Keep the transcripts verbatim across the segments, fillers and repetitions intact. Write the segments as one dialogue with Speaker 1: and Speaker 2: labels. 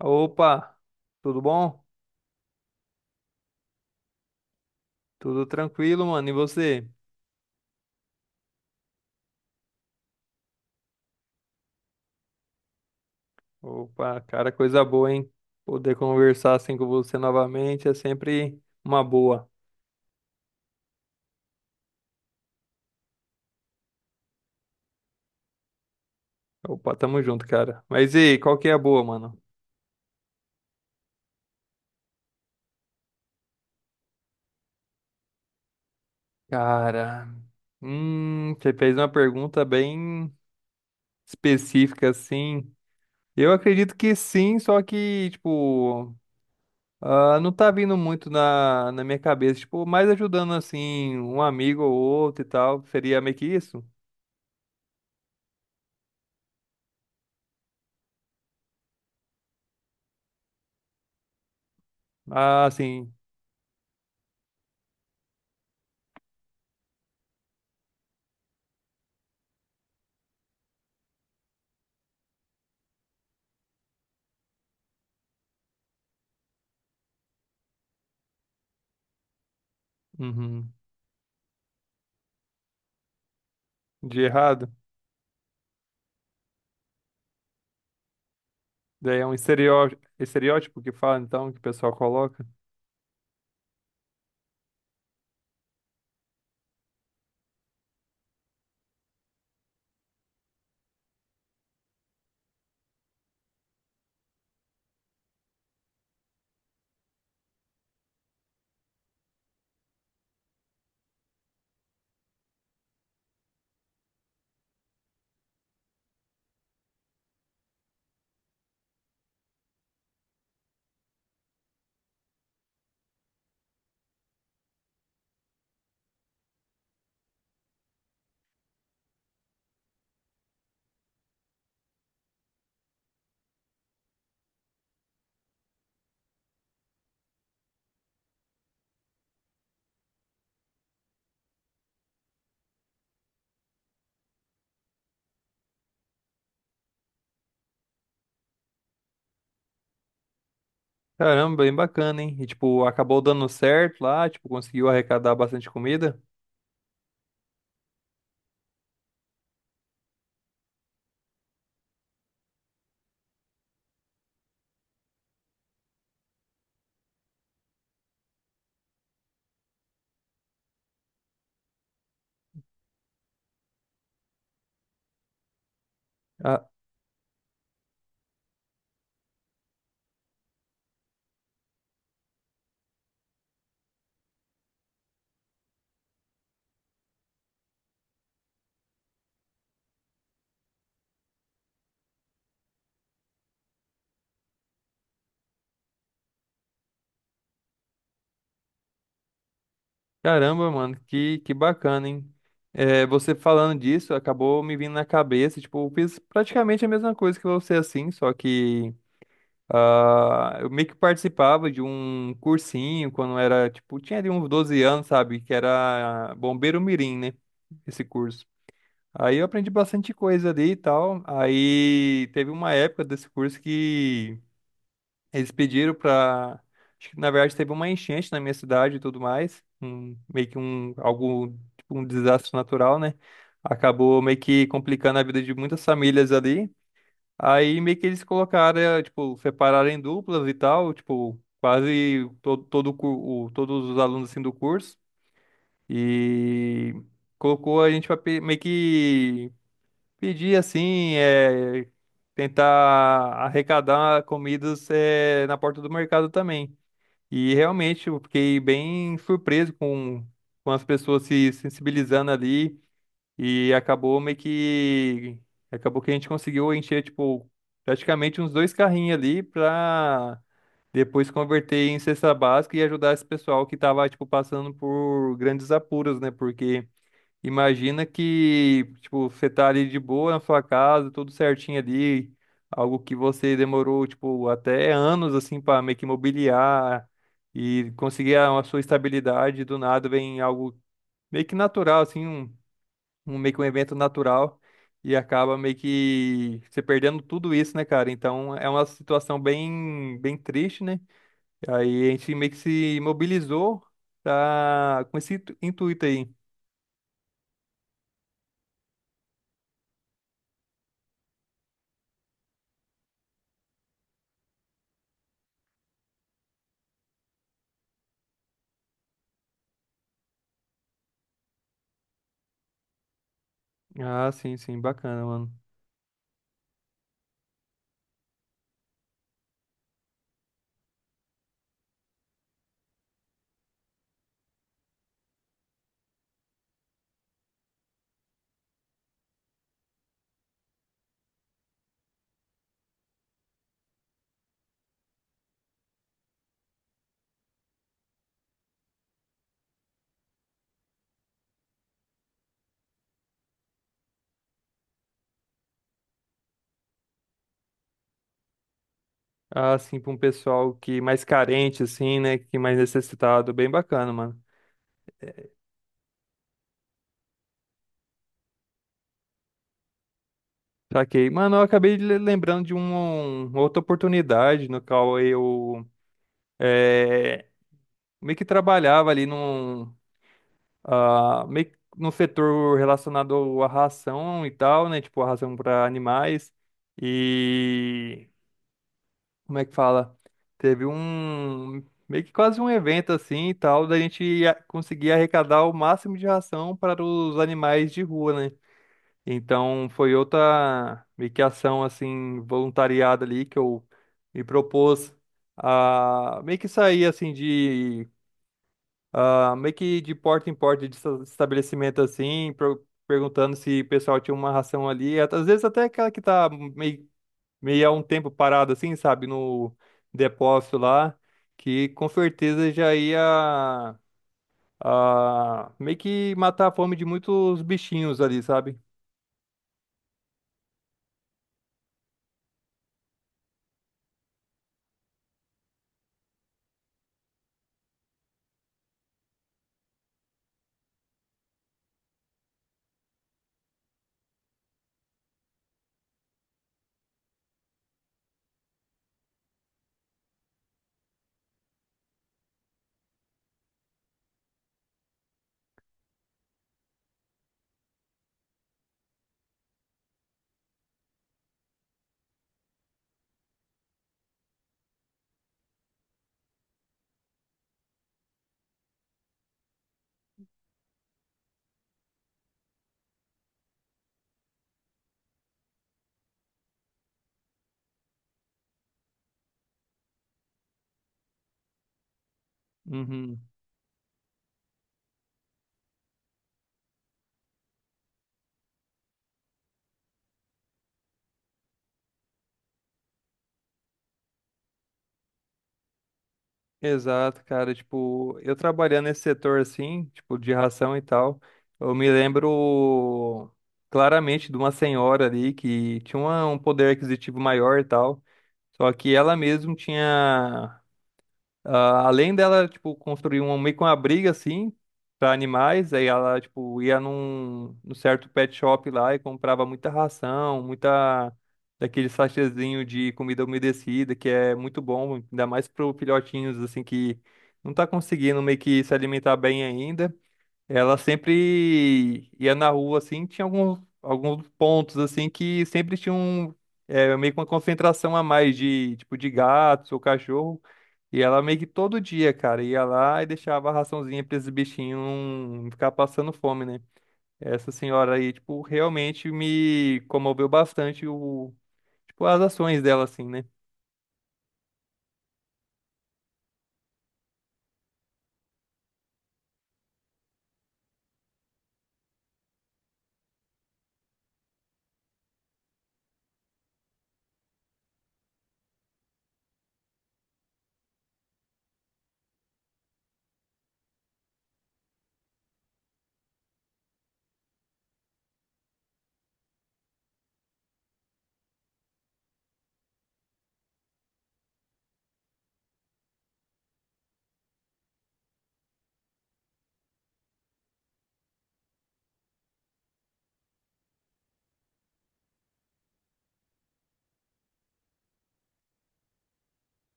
Speaker 1: Opa, tudo bom? Tudo tranquilo, mano. E você? Opa, cara, coisa boa, hein? Poder conversar assim com você novamente é sempre uma boa. Opa, tamo junto, cara. Mas e aí, qual que é a boa, mano? Cara, hum, você fez uma pergunta bem específica, assim. Eu acredito que sim, só que, tipo, ah, não tá vindo muito na, na minha cabeça. Tipo, mais ajudando, assim, um amigo ou outro e tal. Seria meio que isso? Ah, sim. Uhum. De errado. Daí é um estereó- estereótipo que fala, então, que o pessoal coloca. Caramba, bem bacana, hein? E, tipo, acabou dando certo lá, tipo, conseguiu arrecadar bastante comida. Ah, caramba, mano, que, que bacana, hein? É, você falando disso, acabou me vindo na cabeça, tipo, eu fiz praticamente a mesma coisa que você, assim, só que ah, eu meio que participava de um cursinho quando era, tipo, tinha ali uns doze anos, sabe? Que era Bombeiro Mirim, né? Esse curso. Aí eu aprendi bastante coisa ali e tal. Aí teve uma época desse curso que eles pediram pra. Acho que na verdade teve uma enchente na minha cidade e tudo mais. Um, meio que um algo tipo um desastre natural, né? Acabou meio que complicando a vida de muitas famílias ali. Aí meio que eles colocaram, eh, tipo, separaram em duplas e tal, tipo, quase todo, todo, o cur- o- todos os alunos assim do curso. E colocou a gente pra meio que pedir assim, é, tentar arrecadar comidas, é, na porta do mercado também. E realmente eu fiquei bem surpreso com, com as pessoas se sensibilizando ali e acabou meio que acabou que a gente conseguiu encher, tipo, praticamente uns dois carrinhos ali para depois converter em cesta básica e ajudar esse pessoal que tava tipo passando por grandes apuros, né? Porque imagina que, tipo, você tá ali de boa na sua casa, tudo certinho ali, algo que você demorou, tipo, até anos, assim, para meio que mobiliar e conseguir a, a sua estabilidade, do nada vem algo meio que natural, assim, um, um meio que um evento natural e acaba meio que você perdendo tudo isso, né, cara? Então é uma situação bem, bem triste, né? Aí a gente meio que se mobilizou tá, com esse intu- intuito aí. Ah, sim, sim, bacana, mano. Ah, assim, pra um pessoal que mais carente, assim, né? Que mais necessitado. Bem bacana, mano. Saquei. Mano, eu acabei de le- lembrando de um, uma outra oportunidade no qual eu é, meio que trabalhava ali num, ah, meio que num setor relacionado à ração e tal, né? Tipo, a ração para animais. E como é que fala? Teve um meio que quase um evento assim e tal, da gente ia- conseguir arrecadar o máximo de ração para os animais de rua, né? Então foi outra meio que ação assim voluntariada ali que eu me propus a meio que sair assim de ah, meio que de porta em porta de esta- estabelecimento assim, pro- perguntando se o pessoal tinha uma ração ali, às vezes até aquela que tá meio meio a um tempo parado assim, sabe, no depósito lá, que com certeza já ia, a, meio que matar a fome de muitos bichinhos ali, sabe? Uhum. Exato, cara, tipo, eu trabalhando nesse setor assim, tipo, de ração e tal, eu me lembro claramente de uma senhora ali que tinha uma- um poder aquisitivo maior e tal, só que ela mesma tinha ah, além dela, tipo, construir um, meio que uma briga, assim, pra animais, aí ela, tipo, ia num, num certo pet shop lá e comprava muita ração, muita daquele sachêzinho de comida umedecida, que é muito bom, ainda mais pro filhotinhos, assim, que não tá conseguindo meio que se alimentar bem ainda. Ela sempre ia na rua, assim, tinha alguns, alguns pontos, assim, que sempre tinha um, é, meio que uma concentração a mais de, tipo, de gatos ou cachorro, e ela meio que todo dia, cara, ia lá e deixava a raçãozinha pra esses bichinhos não ficar passando fome, né? Essa senhora aí, tipo, realmente me comoveu bastante o, tipo, as ações dela, assim, né?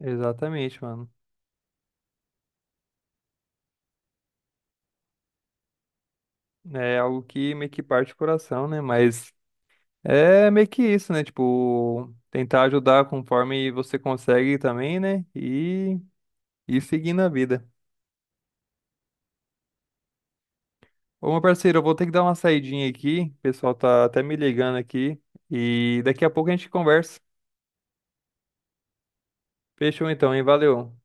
Speaker 1: Exatamente, mano. É algo que meio que parte o coração, né? Mas é meio que isso, né? Tipo, tentar ajudar conforme você consegue também, né? E e seguindo a vida. Ô, meu parceiro, eu vou ter que dar uma saidinha aqui. O pessoal tá até me ligando aqui. E daqui a pouco a gente conversa. Fechou então, hein? Valeu.